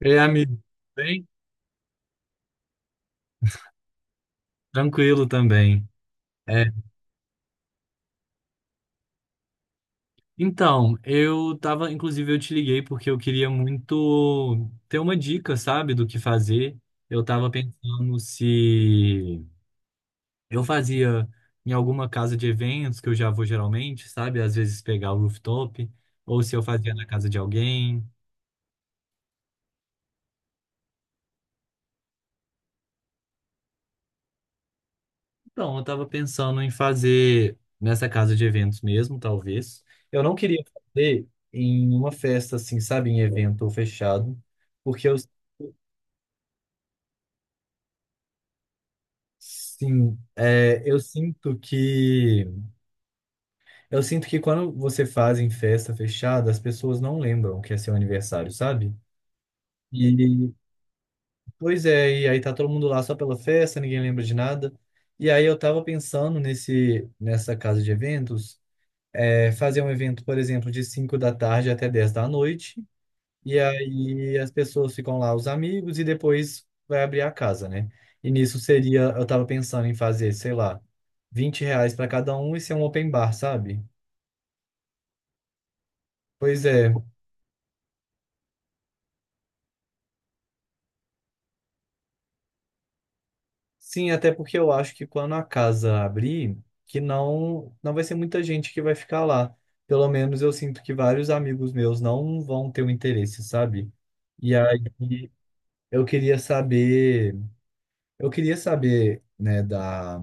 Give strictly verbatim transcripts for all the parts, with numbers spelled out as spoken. Ei, amigo, bem? Tranquilo também. É, Então, eu tava, inclusive, eu te liguei porque eu queria muito ter uma dica, sabe, do que fazer. Eu tava pensando se eu fazia em alguma casa de eventos, que eu já vou geralmente, sabe, às vezes pegar o rooftop, ou se eu fazia na casa de alguém. Então, eu tava pensando em fazer nessa casa de eventos mesmo, talvez. Eu não queria fazer em uma festa, assim, sabe, em evento fechado, porque eu, sim, é, eu sinto que, eu sinto que quando você faz em festa fechada, as pessoas não lembram que é seu aniversário, sabe? E, pois é, e aí tá todo mundo lá só pela festa, ninguém lembra de nada. E aí eu tava pensando nesse, nessa casa de eventos, é, fazer um evento, por exemplo, de cinco da tarde até dez da noite, e aí as pessoas ficam lá, os amigos, e depois vai abrir a casa, né? E nisso seria, eu tava pensando em fazer, sei lá, vinte reais para cada um e ser um open bar, sabe? Pois é. Sim, até porque eu acho que quando a casa abrir, que não, não vai ser muita gente que vai ficar lá. Pelo menos eu sinto que vários amigos meus não vão ter o interesse, sabe? E aí eu queria saber. Eu queria saber, né, da,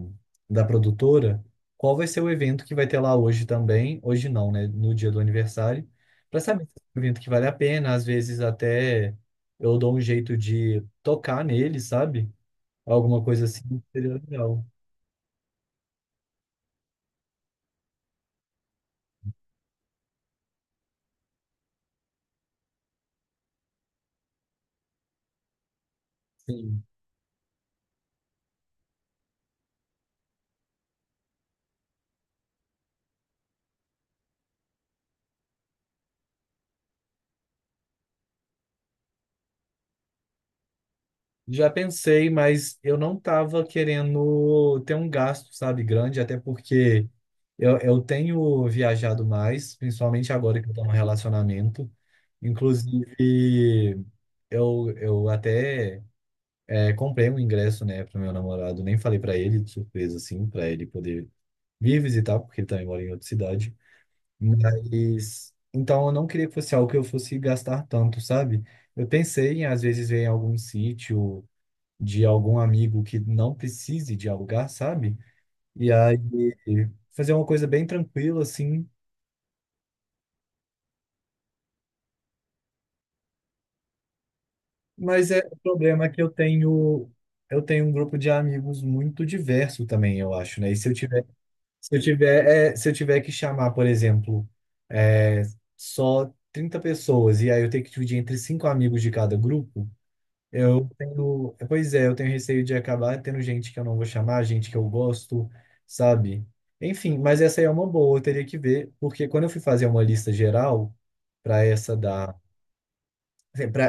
da produtora, qual vai ser o evento que vai ter lá hoje também, hoje não, né, no dia do aniversário, para saber se é um evento que vale a pena, às vezes até eu dou um jeito de tocar nele, sabe? Alguma coisa assim, seria legal. Sim. Já pensei, mas eu não tava querendo ter um gasto, sabe, grande, até porque eu, eu tenho viajado mais, principalmente agora que eu tô no relacionamento. Inclusive, Eu, eu até é, comprei um ingresso, né, pro meu namorado. Nem falei pra ele, de surpresa, assim, pra ele poder vir visitar, porque ele também mora em outra cidade. Mas, então, eu não queria que fosse algo que eu fosse gastar tanto, sabe? Eu pensei em, às vezes, ver em algum sítio de algum amigo que não precise de alugar, sabe? E aí, fazer uma coisa bem tranquila, assim. Mas é, o problema é que eu tenho eu tenho um grupo de amigos muito diverso também, eu acho, né? E se eu tiver Se eu tiver, é, se eu tiver que chamar, por exemplo, é, só trinta pessoas e aí eu tenho que dividir entre cinco amigos de cada grupo, eu tenho, pois é, eu tenho receio de acabar tendo gente que eu não vou chamar, gente que eu gosto, sabe? Enfim, mas essa aí é uma boa, eu teria que ver, porque quando eu fui fazer uma lista geral para essa da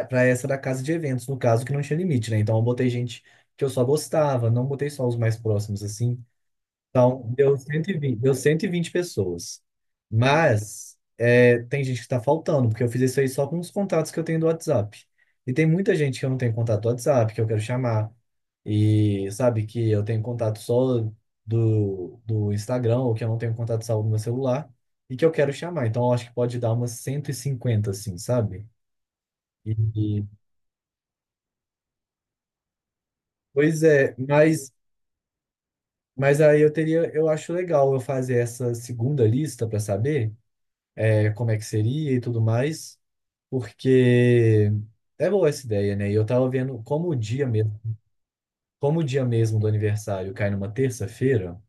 para essa da casa de eventos, no caso que não tinha limite, né? Então eu botei gente que eu só gostava, não botei só os mais próximos assim. Então, deu cento e vinte, deu cento e vinte pessoas. Mas é, tem gente que está faltando, porque eu fiz isso aí só com os contatos que eu tenho do WhatsApp. E tem muita gente que eu não tenho contato do WhatsApp, que eu quero chamar. E sabe que eu tenho contato só do, do Instagram, ou que eu não tenho contato salvo no meu celular, e que eu quero chamar. Então, eu acho que pode dar umas cento e cinquenta assim, sabe? E, e- pois é, mas, mas aí eu teria, eu acho legal eu fazer essa segunda lista para saber. é, como é que seria e tudo mais, porque é boa essa ideia, né? E eu tava vendo como o dia mesmo, como o dia mesmo do aniversário cai numa terça-feira,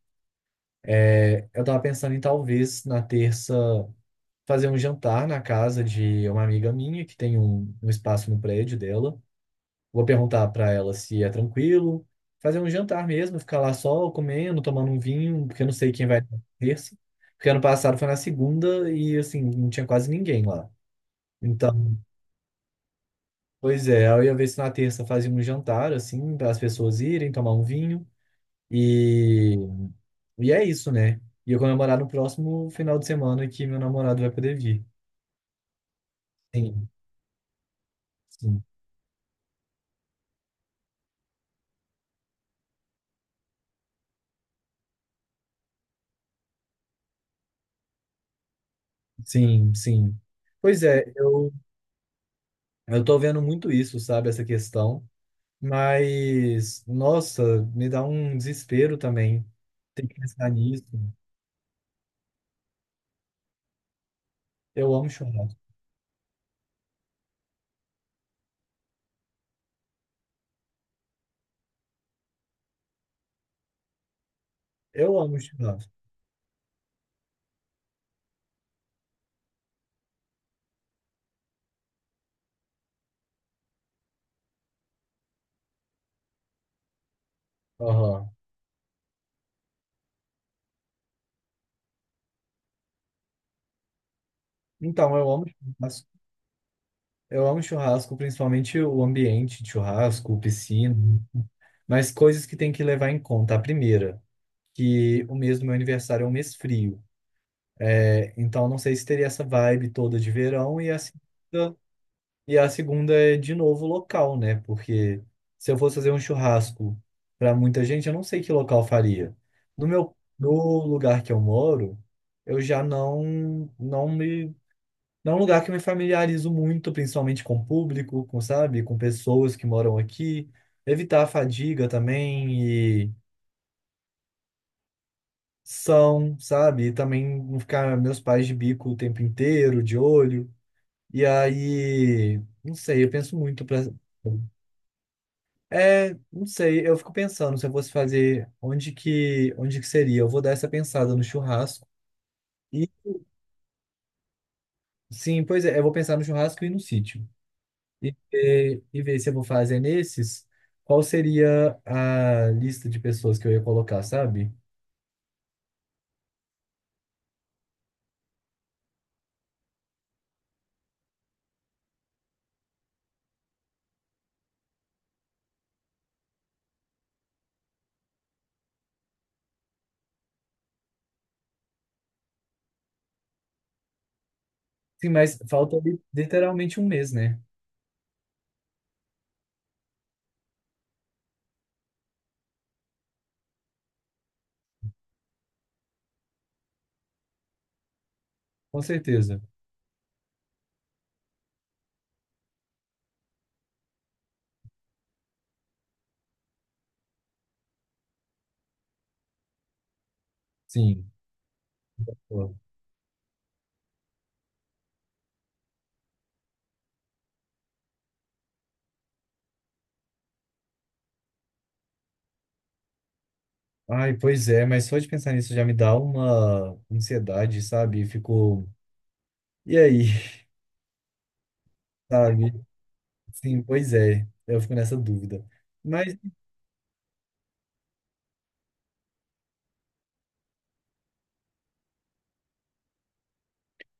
é, eu tava pensando em talvez na terça fazer um jantar na casa de uma amiga minha que tem um, um espaço no prédio dela. Vou perguntar para ela se é tranquilo. Fazer um jantar mesmo, ficar lá só comendo, tomando um vinho, porque eu não sei quem vai na terça. Porque ano passado foi na segunda e, assim, não tinha quase ninguém lá. Então, pois é, eu ia ver se na terça fazia um jantar, assim, para as pessoas irem tomar um vinho. E, e é isso, né? E eu comemorar no próximo final de semana que meu namorado vai poder vir. Sim, sim, sim, sim. Pois é, eu, eu tô vendo muito isso, sabe, essa questão. Mas, nossa, me dá um desespero também. Tem que pensar nisso. Eu amo churrasco. Eu amo churrasco. Aham. Então, eu amo churrasco. Eu amo churrasco, principalmente o ambiente de churrasco, piscina, mas coisas que tem que levar em conta. A primeira, que o mês do meu aniversário é um mês frio, é, então não sei se teria essa vibe toda de verão. E a segunda, e a segunda é de novo o local, né? Porque se eu fosse fazer um churrasco para muita gente, eu não sei que local eu faria. No meu, no lugar que eu moro, eu já não, não me é um lugar que eu me familiarizo muito, principalmente com o público, com, sabe, com pessoas que moram aqui. Evitar a fadiga também e são, sabe? E também não ficar meus pais de bico o tempo inteiro, de olho. E aí, não sei, eu penso muito pra... É, não sei, eu fico pensando se eu fosse fazer onde que, onde que seria. Eu vou dar essa pensada no churrasco. E sim, pois é, eu vou pensar no churrasco e no sítio. e ver, e ver se eu vou fazer nesses, qual seria a lista de pessoas que eu ia colocar, sabe? Sim, mas falta li- literalmente um mês, né? Com certeza. Sim. Pô. Ai, pois é, mas só de pensar nisso já me dá uma ansiedade, sabe? Ficou. E aí, sabe? Sim, pois é. Eu fico nessa dúvida. Mas,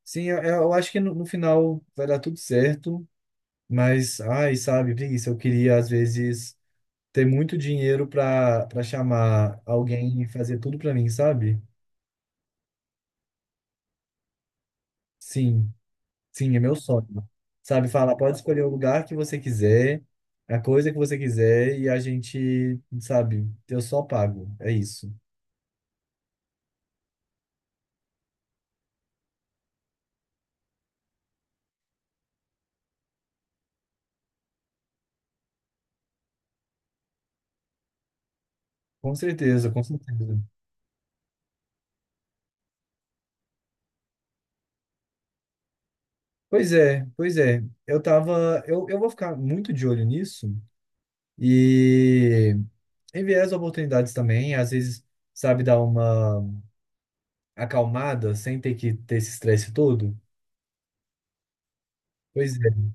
sim, eu, eu acho que no, no final vai dar tudo certo. Mas, ai, sabe, preguiça, eu queria às vezes. Ter muito dinheiro pra, pra chamar alguém e fazer tudo pra mim, sabe? Sim, sim, é meu sonho. Sabe, falar, pode escolher o lugar que você quiser, a coisa que você quiser, e a gente, sabe, eu só pago. É isso. Com certeza, com certeza. Pois é, pois é. Eu tava. Eu, eu vou ficar muito de olho nisso e enviar as oportunidades também. Às vezes, sabe, dar uma acalmada sem ter que ter esse estresse todo. Pois é.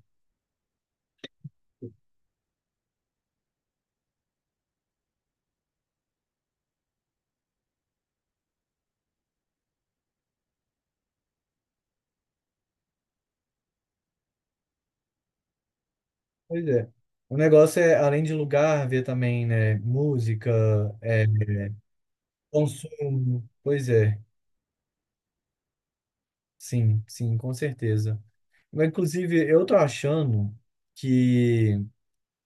Pois é. O negócio é, além de lugar, ver também, né? Música, é, consumo. Pois é. Sim, sim, com certeza. Mas, inclusive, eu tô achando que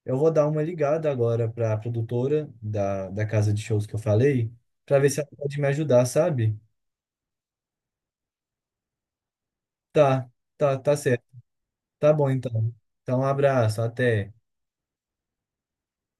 eu vou dar uma ligada agora para a produtora da, da casa de shows que eu falei, para ver se ela pode me ajudar, sabe? Tá, tá, tá certo. Tá bom, então. Então, um abraço, até.